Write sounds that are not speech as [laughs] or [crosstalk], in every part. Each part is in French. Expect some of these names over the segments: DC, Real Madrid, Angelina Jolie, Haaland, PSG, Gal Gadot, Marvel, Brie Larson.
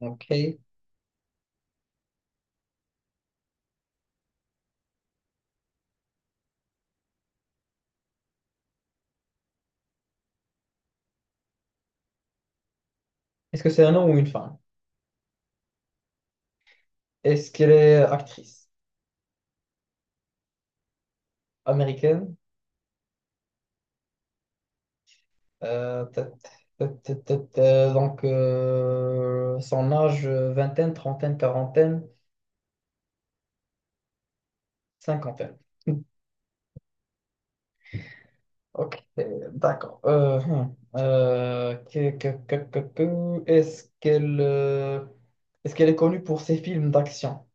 Ok. Est-ce que c'est un homme ou une femme? Est-ce qu'elle est actrice américaine? Euh, ta- donc, son âge, vingtaine, trentaine, quarantaine, cinquantaine. Ok, d'accord. Hmm. Que- est-ce qu'elle est connue pour ses films d'action?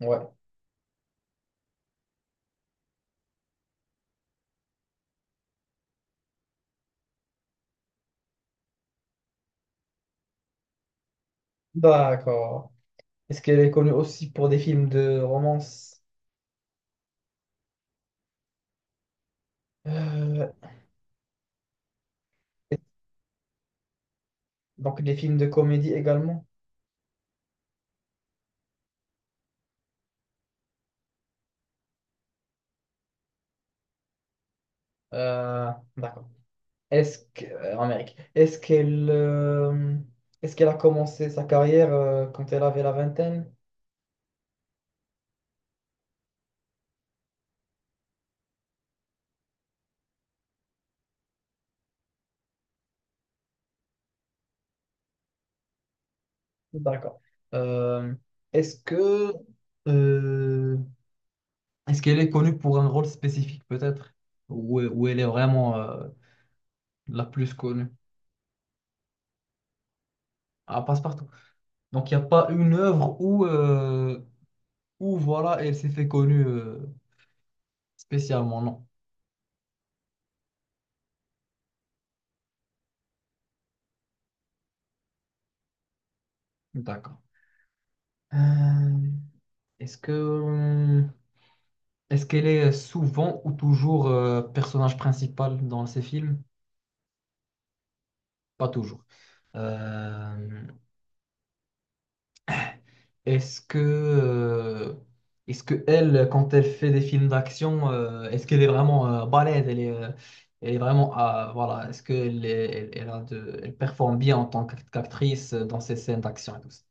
Ouais. D'accord. Est-ce qu'elle est connue aussi pour des films de romance? Euh, et- donc des films de comédie également? Euh, d'accord. En Amérique, est-ce qu'elle a commencé sa carrière quand elle avait la vingtaine? D'accord. Euh, est-ce que euh, est-ce qu'elle est connue pour un rôle spécifique peut-être? Ou elle est vraiment la plus connue? Ah, passe-partout. Donc il n'y a pas une œuvre où voilà, elle s'est fait connue spécialement, non. D'accord. Euh, est-ce que hum, Est-ce qu'elle est souvent ou toujours personnage principal dans ces films? Pas toujours. Euh, est-ce que, euh, est-ce que elle, quand elle fait des films d'action, est-ce qu'elle est vraiment balèze? Elle est vraiment, ah, voilà. Est-ce qu'elle elle performe bien en tant qu'qu'actrice dans ses scènes d'action et tout ça?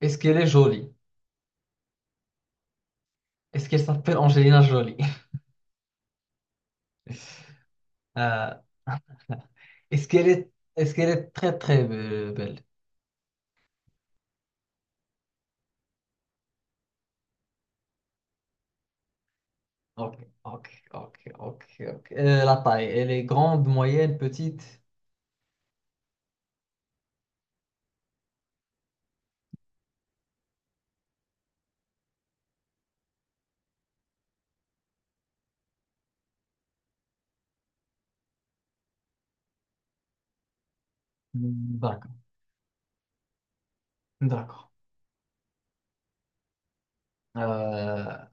Est-ce qu'elle est jolie? Est-ce qu'elle s'appelle Angelina Jolie? [laughs] Euh, est-ce qu'elle est très très belle? Ok, ok, ok, ok, ok. La taille, elle est grande, moyenne, petite? Hmm, d'accord, d'accord. Euh,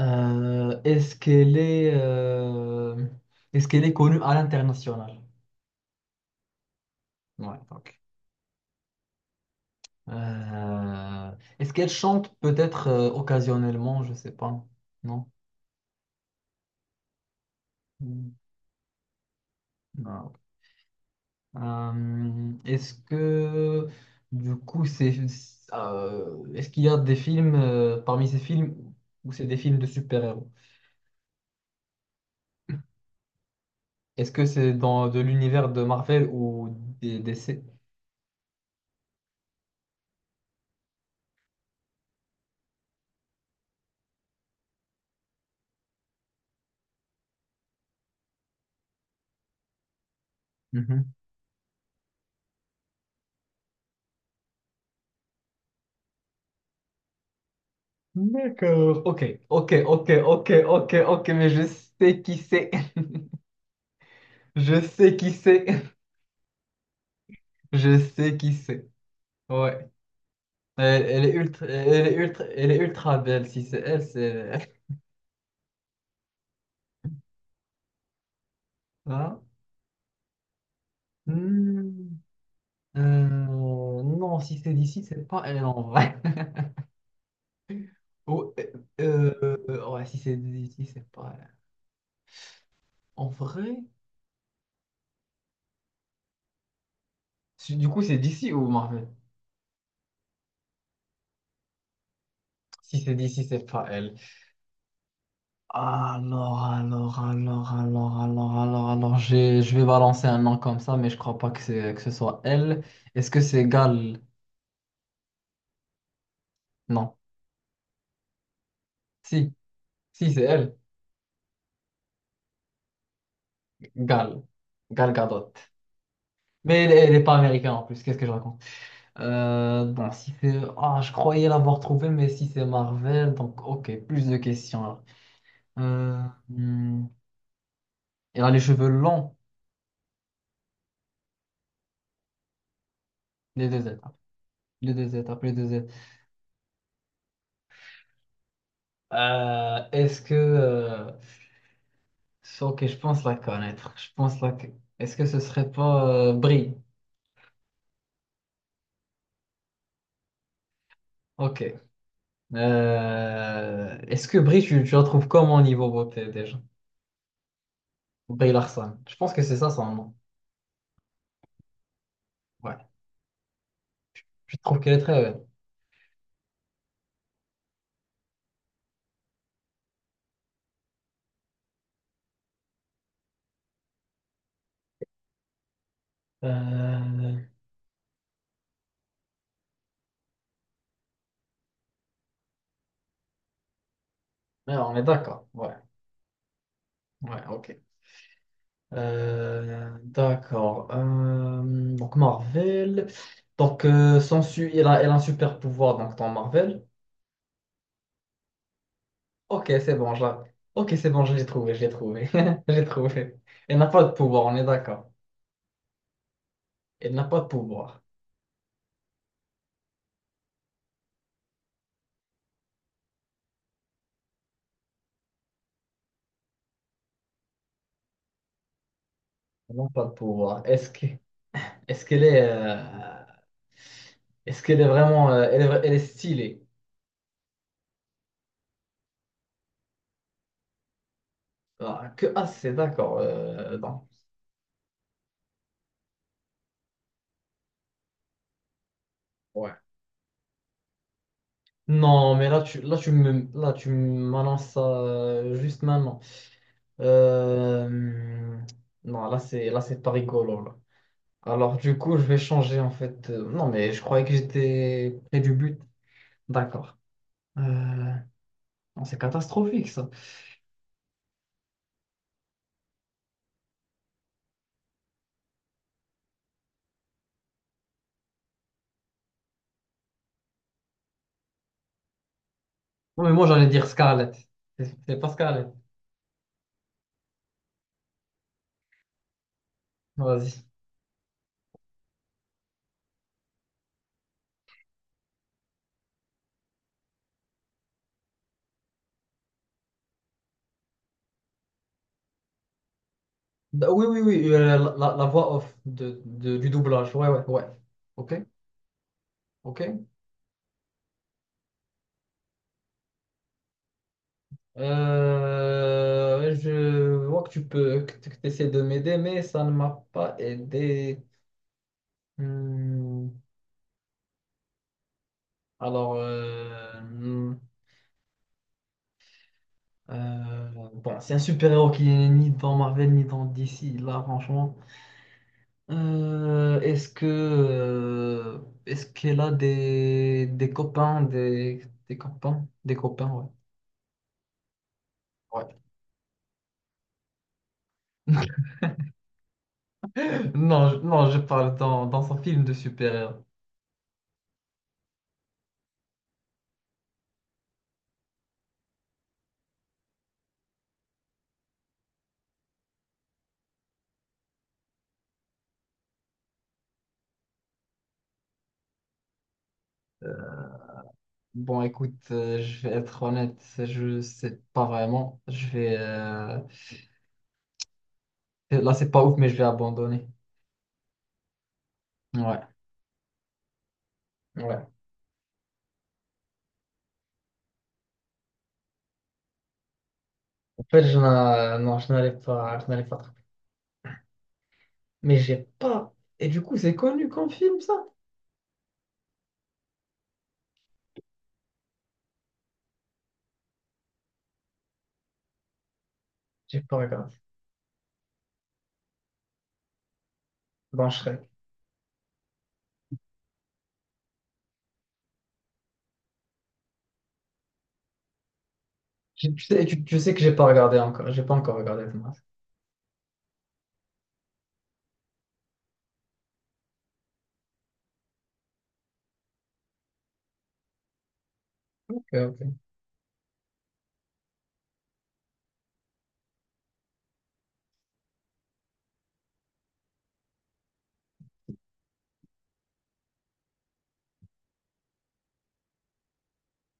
euh, est-ce qu'elle est, euh, est-ce qu'elle est connue à l'international? Ouais, ok. Euh, est-ce qu'elle chante peut-être occasionnellement? Je sais pas. Non? Hmm, non, ok. Est-ce que du coup c'est est-ce qu'il y a des films parmi ces films où c'est des films de super-héros? Est-ce que c'est dans de l'univers de Marvel ou des DC? Mhm. D'accord. Ok, ok, ok, ok, ok, ok, mais je sais qui c'est. [laughs] Je sais qui c'est. [laughs] Je sais qui c'est. Ouais. Elle est ultra, elle est ultra, elle est ultra belle. Si c'est elle, c'est. [laughs] Hein? Hmm. Non, si c'est d'ici, c'est pas elle en vrai. [laughs] Ou- ouais, si c'est d'ici, c'est pas elle. En vrai? Du coup, c'est d'ici ou Marvel? Si c'est d'ici, c'est pas elle. Alors, alors, alors, alors, alors, alors, je vais balancer un nom comme ça, mais je crois pas que ce soit elle. Est-ce que c'est Gal? Non. Si, si, c'est elle. Gal. Gal Gadot. Mais elle est pas américaine en plus, qu'est-ce que je raconte? Bon, si c'est... Ah, je croyais l'avoir trouvé, mais si c'est Marvel, donc ok, plus de questions, alors. Euh, hmm, elle a les cheveux longs. Les deux étapes. Les deux étapes, les deux étapes. Euh, est-ce que... euh, Sauf que je pense la connaître. Est-ce que ce serait pas Brie? Ok. Est-ce que Brie, tu la trouves comment au niveau beauté déjà? Brie Larson. Je pense que c'est ça son nom. Ouais. Je trouve qu'elle est très belle. Euh, ouais, on est d'accord. Ouais. Ouais, ok. D'accord. Donc Marvel. Donc, son su- il a, elle a un super pouvoir donc, dans Marvel. Ok, c'est bon. Ok, c'est bon, je l'ai trouvé, je l'ai trouvé. [laughs] Je l'ai trouvé. Elle n'a pas de pouvoir, on est d'accord. Elle n'a pas de pouvoir. Elle n'a pas de pouvoir. Est-ce qu'elle est... euh, Est-ce qu'elle est vraiment... Elle est stylée. Ah, c'est d'accord. Non. Ouais. Non, mais là, là, tu m'annonces ça juste maintenant. Euh, Non, là, c'est pas rigolo, là. Alors, du coup, je vais changer, en fait. Non, mais je croyais que j'étais près du but. D'accord. Euh, non, c'est catastrophique ça. Non, mais moi j'allais dire Scarlett. C'est pas Scarlett. Vas-y. Bah oui, oui, oui, la voix off du doublage. Ouais, ouais, ouais. Ok, ok. Je vois que tu essaies de m'aider, mais ça ne m'a pas aidé. Hmm. Alors, euh, bon, c'est un super-héros qui n'est ni dans Marvel ni dans DC. Là, franchement. Euh, est-ce que euh, est-ce qu'elle a des copains, ouais. Ouais. [laughs] Non, je parle dans son film de super-héros. Bon, écoute, je vais être honnête, je sais pas vraiment. Je vais là, c'est pas ouf, mais je vais abandonner. Ouais, ouais. En fait, je n'a- non, je n'allais pas attraper. Mais j'ai pas. Et du coup, c'est connu comme film, ça? J'ai pas regardé. Bon, je serai- Tu sais, tu sais que j'ai pas encore regardé Thomas. Ok, ok.